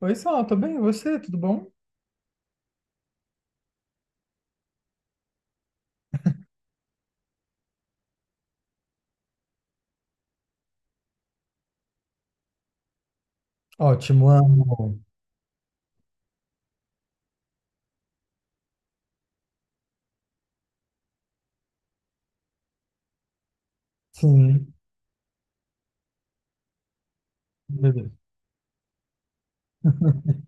Oi, Sal, tudo bem? E você, tudo bom? Ótimo, amo. Sim, beleza.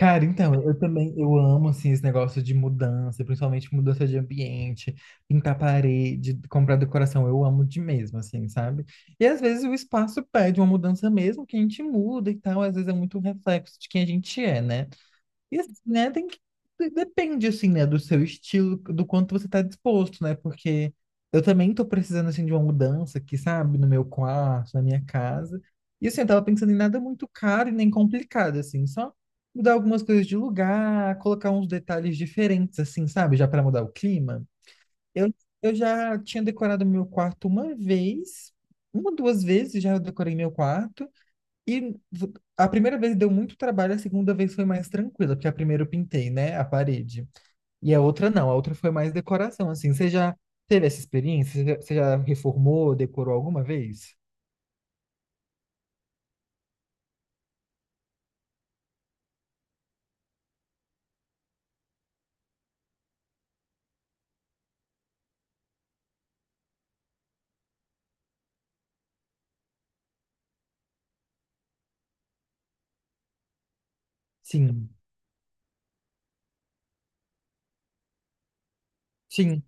Cara, então, eu também, eu amo, assim, esse negócio de mudança, principalmente mudança de ambiente, pintar parede, comprar decoração, eu amo de mesmo, assim, sabe? E às vezes o espaço pede uma mudança mesmo, que a gente muda e tal, às vezes é muito um reflexo de quem a gente é, né? E assim, né, tem que... Depende, assim, né, do seu estilo, do quanto você tá disposto, né? Porque eu também tô precisando, assim, de uma mudança aqui, sabe? No meu quarto, na minha casa. E, assim, eu tava pensando em nada muito caro e nem complicado, assim. Só mudar algumas coisas de lugar, colocar uns detalhes diferentes, assim, sabe? Já para mudar o clima. Eu, eu já tinha decorado meu quarto uma vez, uma, duas vezes já eu decorei meu quarto. E a primeira vez deu muito trabalho, a segunda vez foi mais tranquila, porque a primeira eu pintei, né, a parede. E a outra não, a outra foi mais decoração, assim. Você já teve essa experiência? Você já reformou, decorou alguma vez? Sim, sim.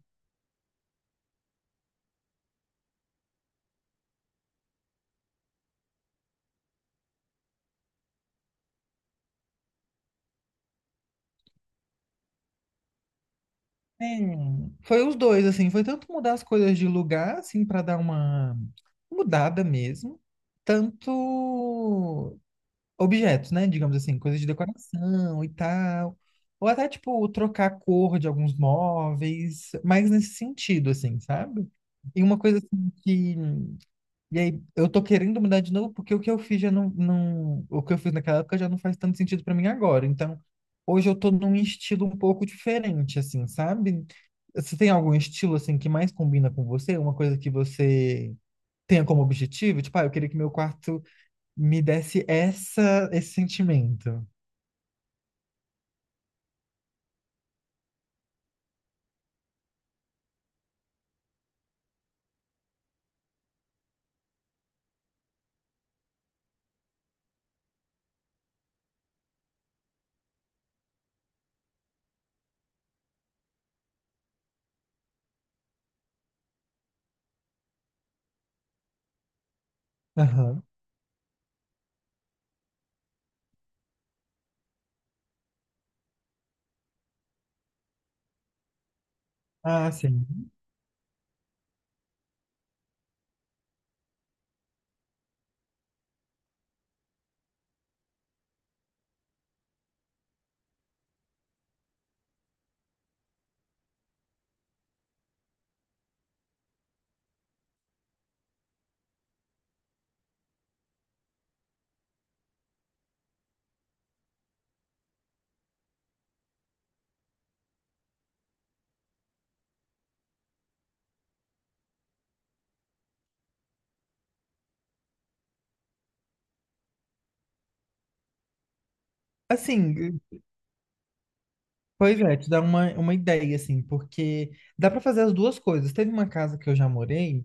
É, foi os dois, assim. Foi tanto mudar as coisas de lugar, assim, para dar uma mudada mesmo, tanto objetos, né? Digamos assim, coisas de decoração e tal. Ou até, tipo, trocar a cor de alguns móveis, mais nesse sentido, assim, sabe? E uma coisa assim que. E aí, eu tô querendo mudar de novo, porque o que eu fiz já não. O que eu fiz naquela época já não faz tanto sentido pra mim agora. Então, hoje eu tô num estilo um pouco diferente, assim, sabe? Você tem algum estilo, assim, que mais combina com você? Uma coisa que você tenha como objetivo? Tipo, ah, eu queria que meu quarto me desse esse sentimento. Aham. Ah, sim. Assim, pois é, te dá uma ideia, assim, porque dá pra fazer as duas coisas. Teve uma casa que eu já morei,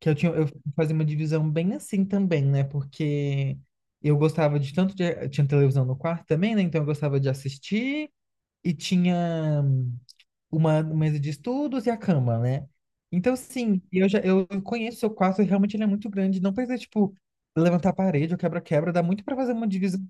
que eu tinha, eu fazia uma divisão bem assim também, né? Porque eu gostava de tanto de, tinha televisão no quarto também, né? Então eu gostava de assistir e tinha uma mesa de estudos e a cama, né? Então, sim, eu já eu conheço o seu quarto e realmente ele é muito grande. Não precisa, tipo, levantar a parede ou quebra-quebra. Dá muito pra fazer uma divisão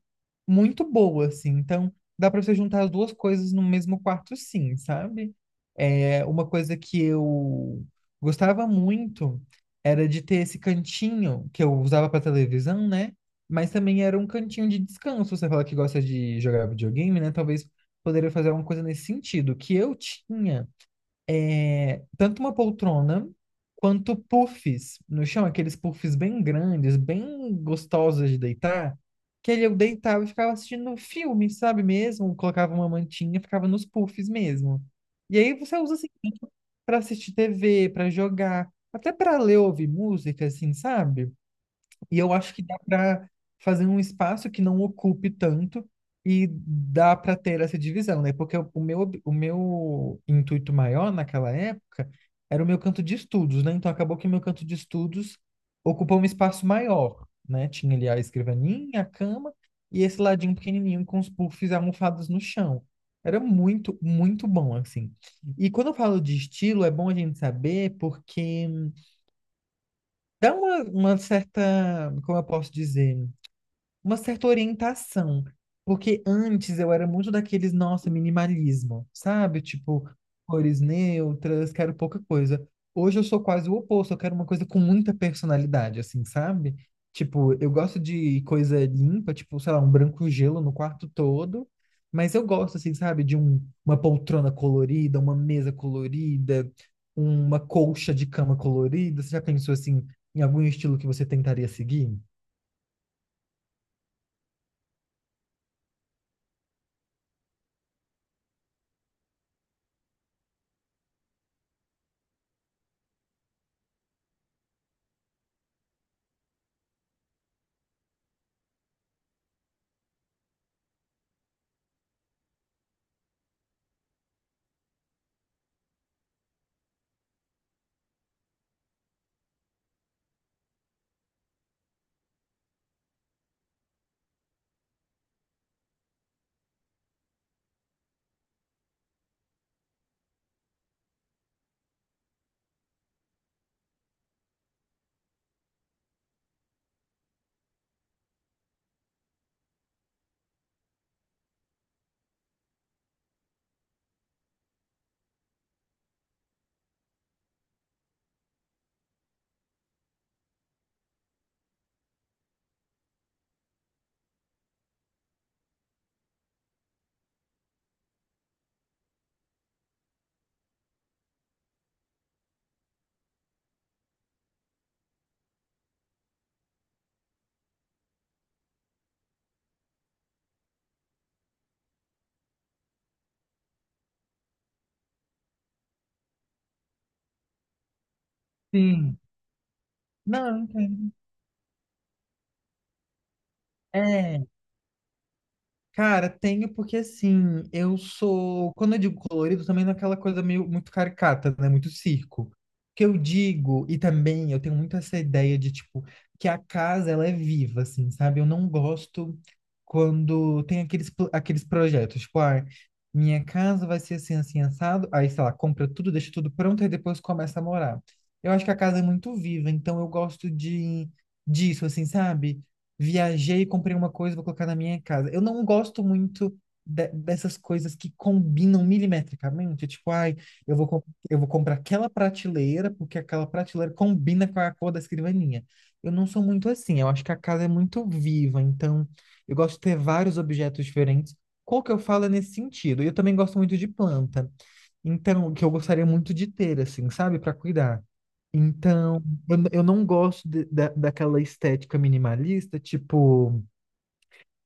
muito boa, assim. Então, dá pra você juntar as duas coisas no mesmo quarto, sim, sabe? É, uma coisa que eu gostava muito era de ter esse cantinho que eu usava pra televisão, né? Mas também era um cantinho de descanso. Você fala que gosta de jogar videogame, né? Talvez poderia fazer alguma coisa nesse sentido, que eu tinha tanto uma poltrona quanto puffs no chão, aqueles puffs bem grandes, bem gostosos de deitar, que ali eu deitava e ficava assistindo um filme, sabe mesmo? Colocava uma mantinha, ficava nos puffs mesmo. E aí você usa assim para assistir TV, para jogar, até para ler, ouvir música, assim, sabe? E eu acho que dá para fazer um espaço que não ocupe tanto e dá para ter essa divisão, né? Porque o meu, o meu intuito maior naquela época era o meu canto de estudos, né? Então acabou que o meu canto de estudos ocupou um espaço maior, né? Tinha ali a escrivaninha, a cama e esse ladinho pequenininho com os puffs almofados no chão. Era muito, muito bom, assim. E quando eu falo de estilo, é bom a gente saber porque dá uma certa, como eu posso dizer? Uma certa orientação. Porque antes eu era muito daqueles, nossa, minimalismo, sabe? Tipo, cores neutras, quero pouca coisa. Hoje eu sou quase o oposto, eu quero uma coisa com muita personalidade, assim, sabe? Tipo, eu gosto de coisa limpa, tipo, sei lá, um branco gelo no quarto todo, mas eu gosto, assim, sabe, de um, uma poltrona colorida, uma mesa colorida, uma colcha de cama colorida. Você já pensou, assim, em algum estilo que você tentaria seguir? Sim. Não, não tem. É, cara, tenho porque assim, eu sou, quando eu digo colorido, também não é aquela coisa meio muito caricata, né? Muito circo. O que eu digo, e também eu tenho muito essa ideia de tipo que a casa ela é viva, assim, sabe? Eu não gosto quando tem aqueles projetos, tipo, ah, minha casa vai ser assim assim assado, aí sei lá, compra tudo, deixa tudo pronto e depois começa a morar. Eu acho que a casa é muito viva, então eu gosto de disso, assim, sabe? Viajei, comprei uma coisa, vou colocar na minha casa. Eu não gosto muito dessas coisas que combinam milimetricamente. Tipo, ai, eu vou, com- eu vou comprar aquela prateleira, porque aquela prateleira combina com a cor da escrivaninha. Eu não sou muito assim. Eu acho que a casa é muito viva, então eu gosto de ter vários objetos diferentes. Qual que eu falo é nesse sentido? E eu também gosto muito de planta. Então, que eu gostaria muito de ter, assim, sabe? Para cuidar. Então, eu não gosto da, daquela estética minimalista, tipo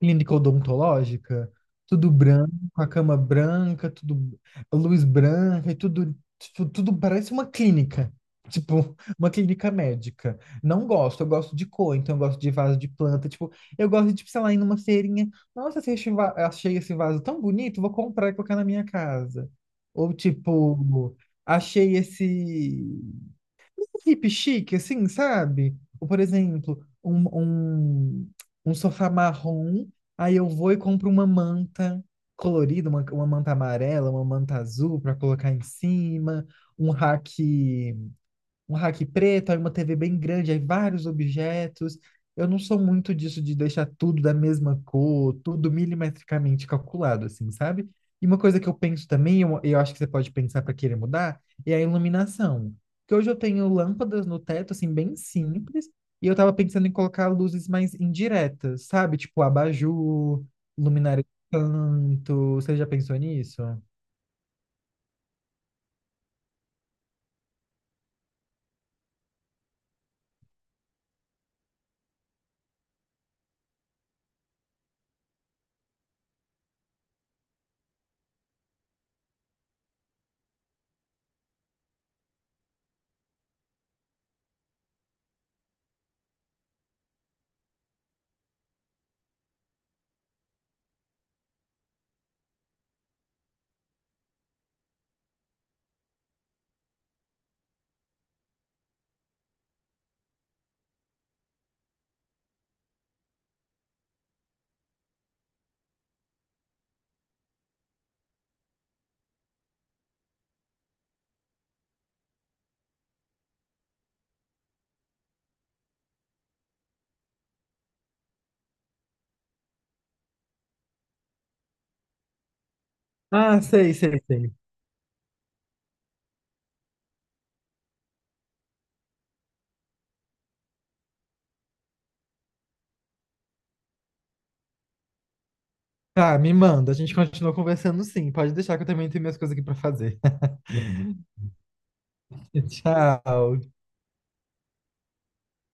clínica odontológica, tudo branco, a cama branca, tudo a luz branca e tudo, tudo parece uma clínica. Tipo, uma clínica médica. Não gosto, eu gosto de cor, então eu gosto de vaso de planta. Tipo, eu gosto de, tipo, sei lá, ir numa feirinha. Nossa, achei esse vaso tão bonito, vou comprar e colocar na minha casa. Ou tipo, achei esse um VIP chique, assim, sabe? Ou, por exemplo, um sofá marrom, aí eu vou e compro uma manta colorida, uma manta amarela, uma manta azul para colocar em cima, um rack um rack preto, aí uma TV bem grande, aí vários objetos. Eu não sou muito disso de deixar tudo da mesma cor, tudo milimetricamente calculado, assim, sabe? E uma coisa que eu penso também, eu acho que você pode pensar para querer mudar, é a iluminação. Porque hoje eu tenho lâmpadas no teto, assim, bem simples, e eu tava pensando em colocar luzes mais indiretas, sabe? Tipo abajur, luminária de canto. Você já pensou nisso? Ah, sei, sei, sei. Tá, me manda. A gente continua conversando sim. Pode deixar que eu também tenho minhas coisas aqui pra fazer. Tchau.